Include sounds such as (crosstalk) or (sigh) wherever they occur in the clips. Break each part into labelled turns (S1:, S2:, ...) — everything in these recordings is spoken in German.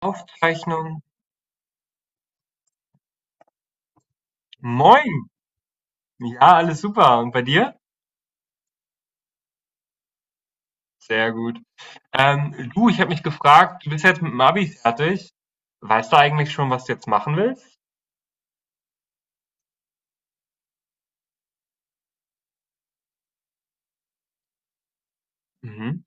S1: Aufzeichnung. Moin. Ja, alles super. Und bei dir? Sehr gut. Du, ich habe mich gefragt, du bist jetzt mit dem Abi fertig. Weißt du eigentlich schon, was du jetzt machen willst? Mhm.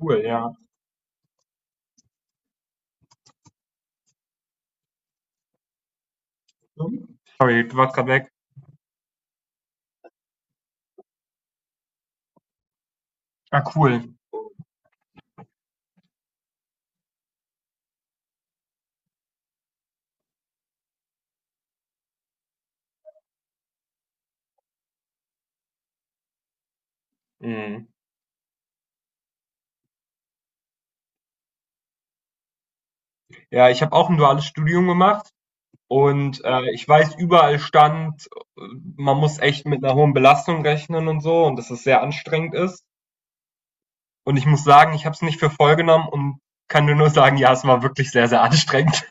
S1: Cool, ja. Sorry, du warst gerade weg. Ah, cool. Mhm. Ja, ich habe auch ein duales Studium gemacht und ich weiß, überall stand, äh, man muss echt mit einer hohen Belastung rechnen und so und dass es sehr anstrengend ist. Und ich muss sagen, ich habe es nicht für voll genommen und kann dir nur sagen, ja, es war wirklich sehr, sehr anstrengend.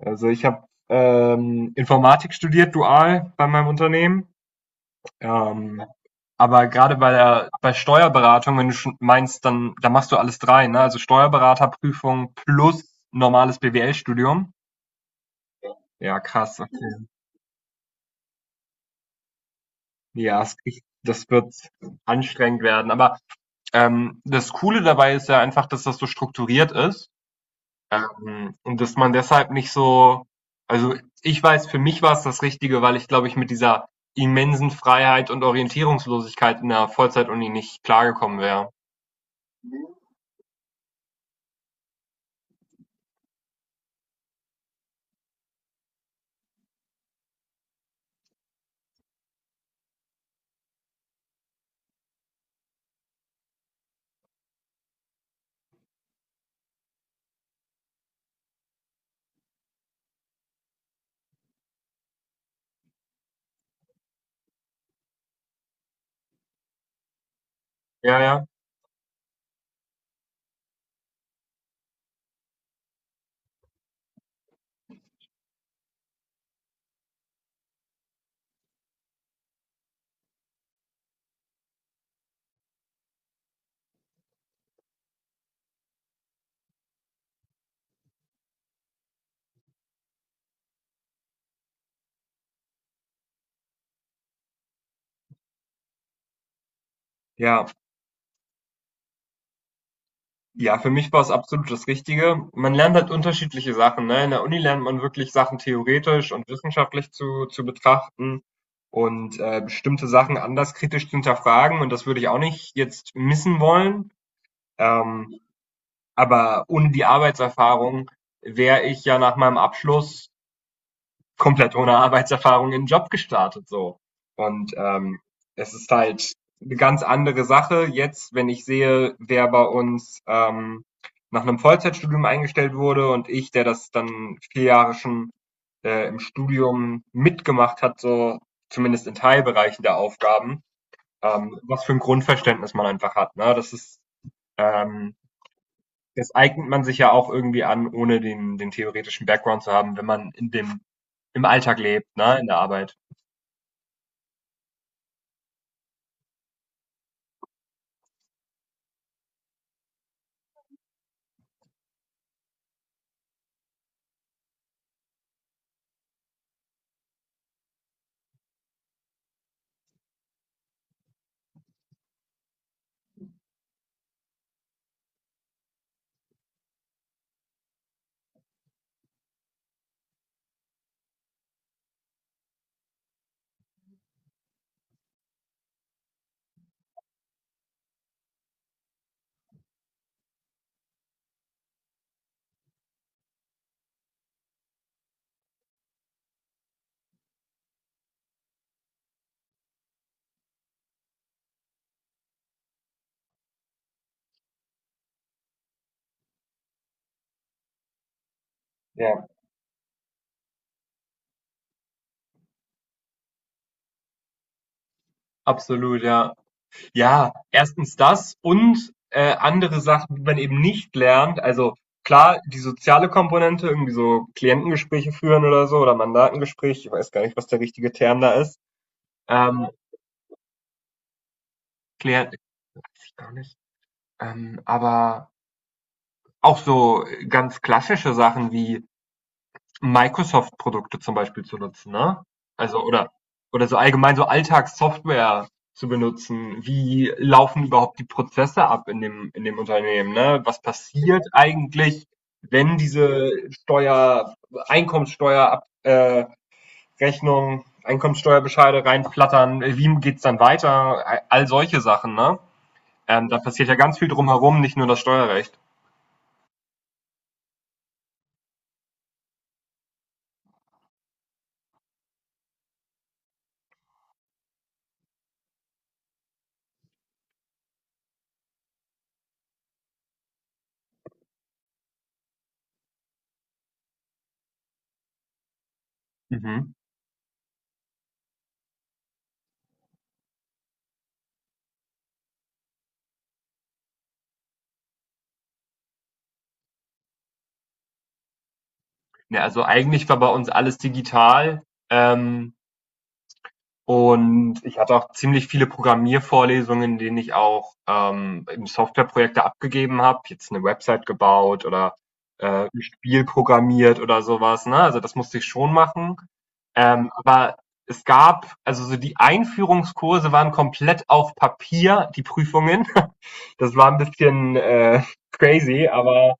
S1: Also ich habe Informatik studiert, dual bei meinem Unternehmen. Ähm, aber gerade bei Steuerberatung, wenn du schon meinst, dann machst du alles drei, ne? Also Steuerberaterprüfung plus normales BWL-Studium. Ja, krass. Ja, das wird anstrengend werden. Aber das Coole dabei ist ja einfach, dass das so strukturiert ist. Und dass man deshalb nicht so, also ich weiß, für mich war es das Richtige, weil ich glaube, ich mit dieser immensen Freiheit und Orientierungslosigkeit in der Vollzeituni nicht klargekommen wäre. Ja, ja. Ja, ja, für mich war es absolut das Richtige. Man lernt halt unterschiedliche Sachen. Ne? In der Uni lernt man wirklich Sachen theoretisch und wissenschaftlich zu betrachten und bestimmte Sachen anders kritisch zu hinterfragen. Und das würde ich auch nicht jetzt missen wollen. Ähm, Aber ohne die Arbeitserfahrung wäre ich ja nach meinem Abschluss komplett ohne Arbeitserfahrung in den Job gestartet so. Und es ist halt eine ganz andere Sache. Jetzt, wenn ich sehe, wer bei uns nach einem Vollzeitstudium eingestellt wurde, und ich, der das dann vier Jahre schon im Studium mitgemacht hat, so zumindest in Teilbereichen der Aufgaben, was für ein Grundverständnis man einfach hat. Ne? Das ist ähm, das eignet man sich ja auch irgendwie an, ohne den theoretischen Background zu haben, wenn man im Alltag lebt, ne, in der Arbeit. Ja, absolut, ja. Ja, erstens das und andere Sachen, die man eben nicht lernt. Also klar, die soziale Komponente, irgendwie so Klientengespräche führen oder so oder Mandatengespräch, ich weiß gar nicht, was der richtige Term da ist. Ähm, Klient, weiß ich gar nicht. Aber auch so ganz klassische Sachen wie Microsoft-Produkte zum Beispiel zu nutzen, ne? Also oder so allgemein so Alltagssoftware zu benutzen. Wie laufen überhaupt die Prozesse ab in dem Unternehmen, ne? Was passiert eigentlich, wenn diese Steuer Einkommenssteuer ab Rechnung, Einkommenssteuerbescheide reinflattern? Wie geht's dann weiter? All solche Sachen, ne? Da passiert ja ganz viel drumherum, nicht nur das Steuerrecht. Mhm. Ja, also eigentlich war bei uns alles digital. Ähm, Und ich hatte auch ziemlich viele Programmiervorlesungen, in denen ich auch Softwareprojekte abgegeben habe, jetzt eine Website gebaut oder ein Spiel programmiert oder sowas. Ne? Also das musste ich schon machen. Aber es gab, also so die Einführungskurse waren komplett auf Papier, die Prüfungen. (laughs) Das war ein bisschen crazy, aber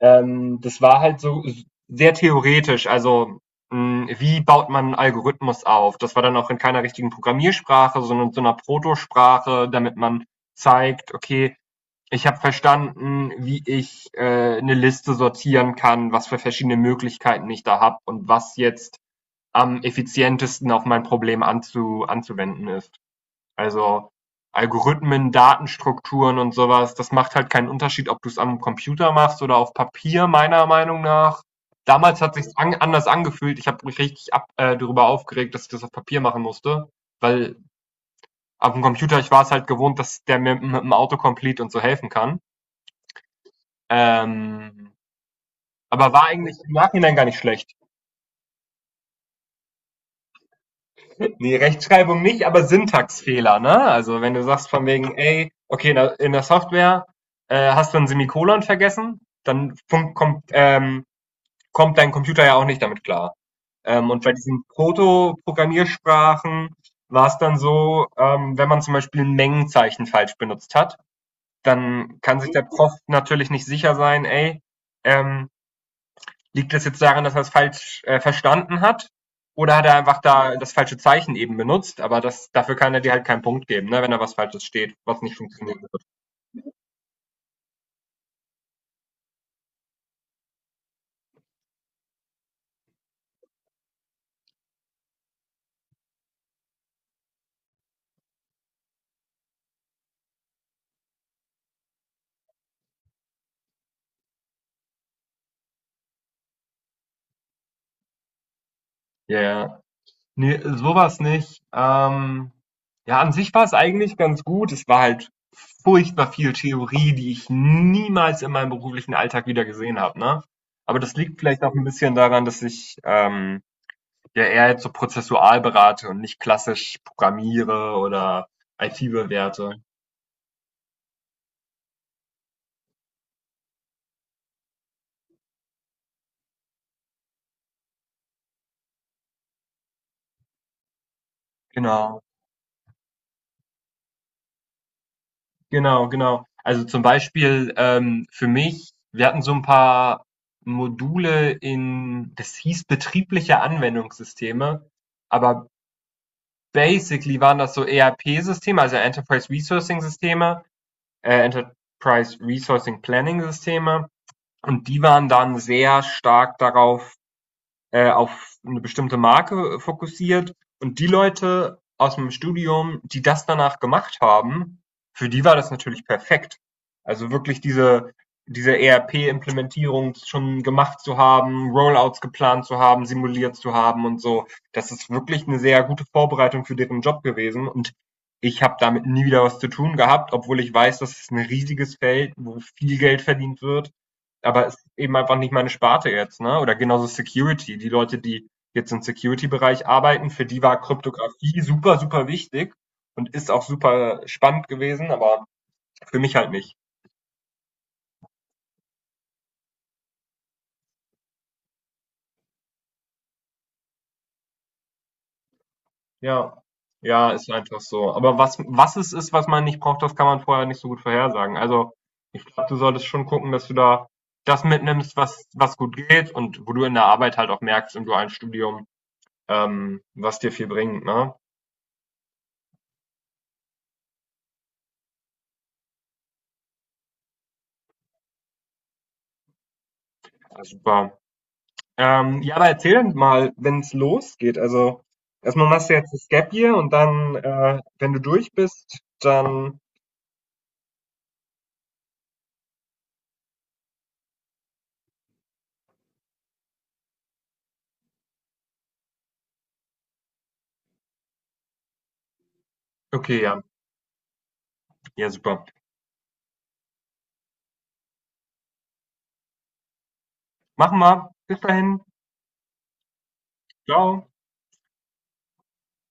S1: das war halt so sehr theoretisch. Also, wie baut man einen Algorithmus auf? Das war dann auch in keiner richtigen Programmiersprache, sondern in so 'ner Protosprache, damit man zeigt: „Okay, ich habe verstanden, wie ich 'ne Liste sortieren kann, was für verschiedene Möglichkeiten ich da habe und was jetzt am effizientesten auf mein Problem anzuwenden ist.“ Also Algorithmen, Datenstrukturen und sowas, das macht halt keinen Unterschied, ob du es am Computer machst oder auf Papier, meiner Meinung nach. Damals hat sich's an anders angefühlt. Ich habe mich richtig ab darüber aufgeregt, dass ich das auf Papier machen musste, weil auf dem Computer ich war es halt gewohnt, dass der mir mit'm Autocomplete und so helfen kann. Ähm, aber war eigentlich im Nachhinein gar nicht schlecht. Nee, Rechtschreibung nicht, aber Syntaxfehler, ne? Also wenn du sagst von wegen, ey, okay, in der Software hast du ein Semikolon vergessen, dann kommt dein Computer ja auch nicht damit klar. Und bei diesen Proto-Programmiersprachen war es dann so, wenn man zum Beispiel ein Mengenzeichen falsch benutzt hat, dann kann sich der Prof natürlich nicht sicher sein, ey, ähm, liegt das jetzt daran, dass er es falsch verstanden hat? Oder hat er einfach da das falsche Zeichen eben benutzt? Aber dafür kann er dir halt keinen Punkt geben, ne? Wenn da was Falsches steht, was nicht funktioniert. Ja, ja. Nee, sowas nicht. Ja, an sich war es eigentlich ganz gut. Es war halt furchtbar viel Theorie, die ich niemals in meinem beruflichen Alltag wieder gesehen habe. Ne? Aber das liegt vielleicht auch ein bisschen daran, dass ich ja eher jetzt so prozessual berate und nicht klassisch programmiere oder IT bewerte. Genau, genau, genau. Also zum Beispiel für mich, wir hatten so ein paar Module das hieß betriebliche Anwendungssysteme, aber basically waren das so ERP-Systeme, also Enterprise Resourcing Systeme, Enterprise Resourcing Planning Systeme, und die waren dann sehr stark darauf auf eine bestimmte Marke fokussiert. Und die Leute aus dem Studium, die das danach gemacht haben, für die war das natürlich perfekt. Also wirklich diese ERP-Implementierung schon gemacht zu haben, Rollouts geplant zu haben, simuliert zu haben und so. Das ist wirklich eine sehr gute Vorbereitung für deren Job gewesen. Und ich habe damit nie wieder was zu tun gehabt, obwohl ich weiß, dass es ein riesiges Feld, wo viel Geld verdient wird, aber es ist eben einfach nicht meine Sparte jetzt, ne? Oder genauso Security. Die Leute, die jetzt im Security-Bereich arbeiten, für die war Kryptographie super, super wichtig und ist auch super spannend gewesen, aber für mich halt nicht. Ja. Ja, ist einfach so. Aber was es ist, was man nicht braucht, das kann man vorher nicht so gut vorhersagen. Also, ich glaube, du solltest schon gucken, dass du da das mitnimmst, was gut geht und wo du in der Arbeit halt auch merkst im dualen Studium, was dir viel bringt, ne? Also, super. Ja, aber erzähl dann mal, wenn's losgeht. Also erstmal machst du jetzt das Gap Year und dann, wenn du durch bist, dann okay, ja, ja super. Machen wir. Bis dahin. Ciao.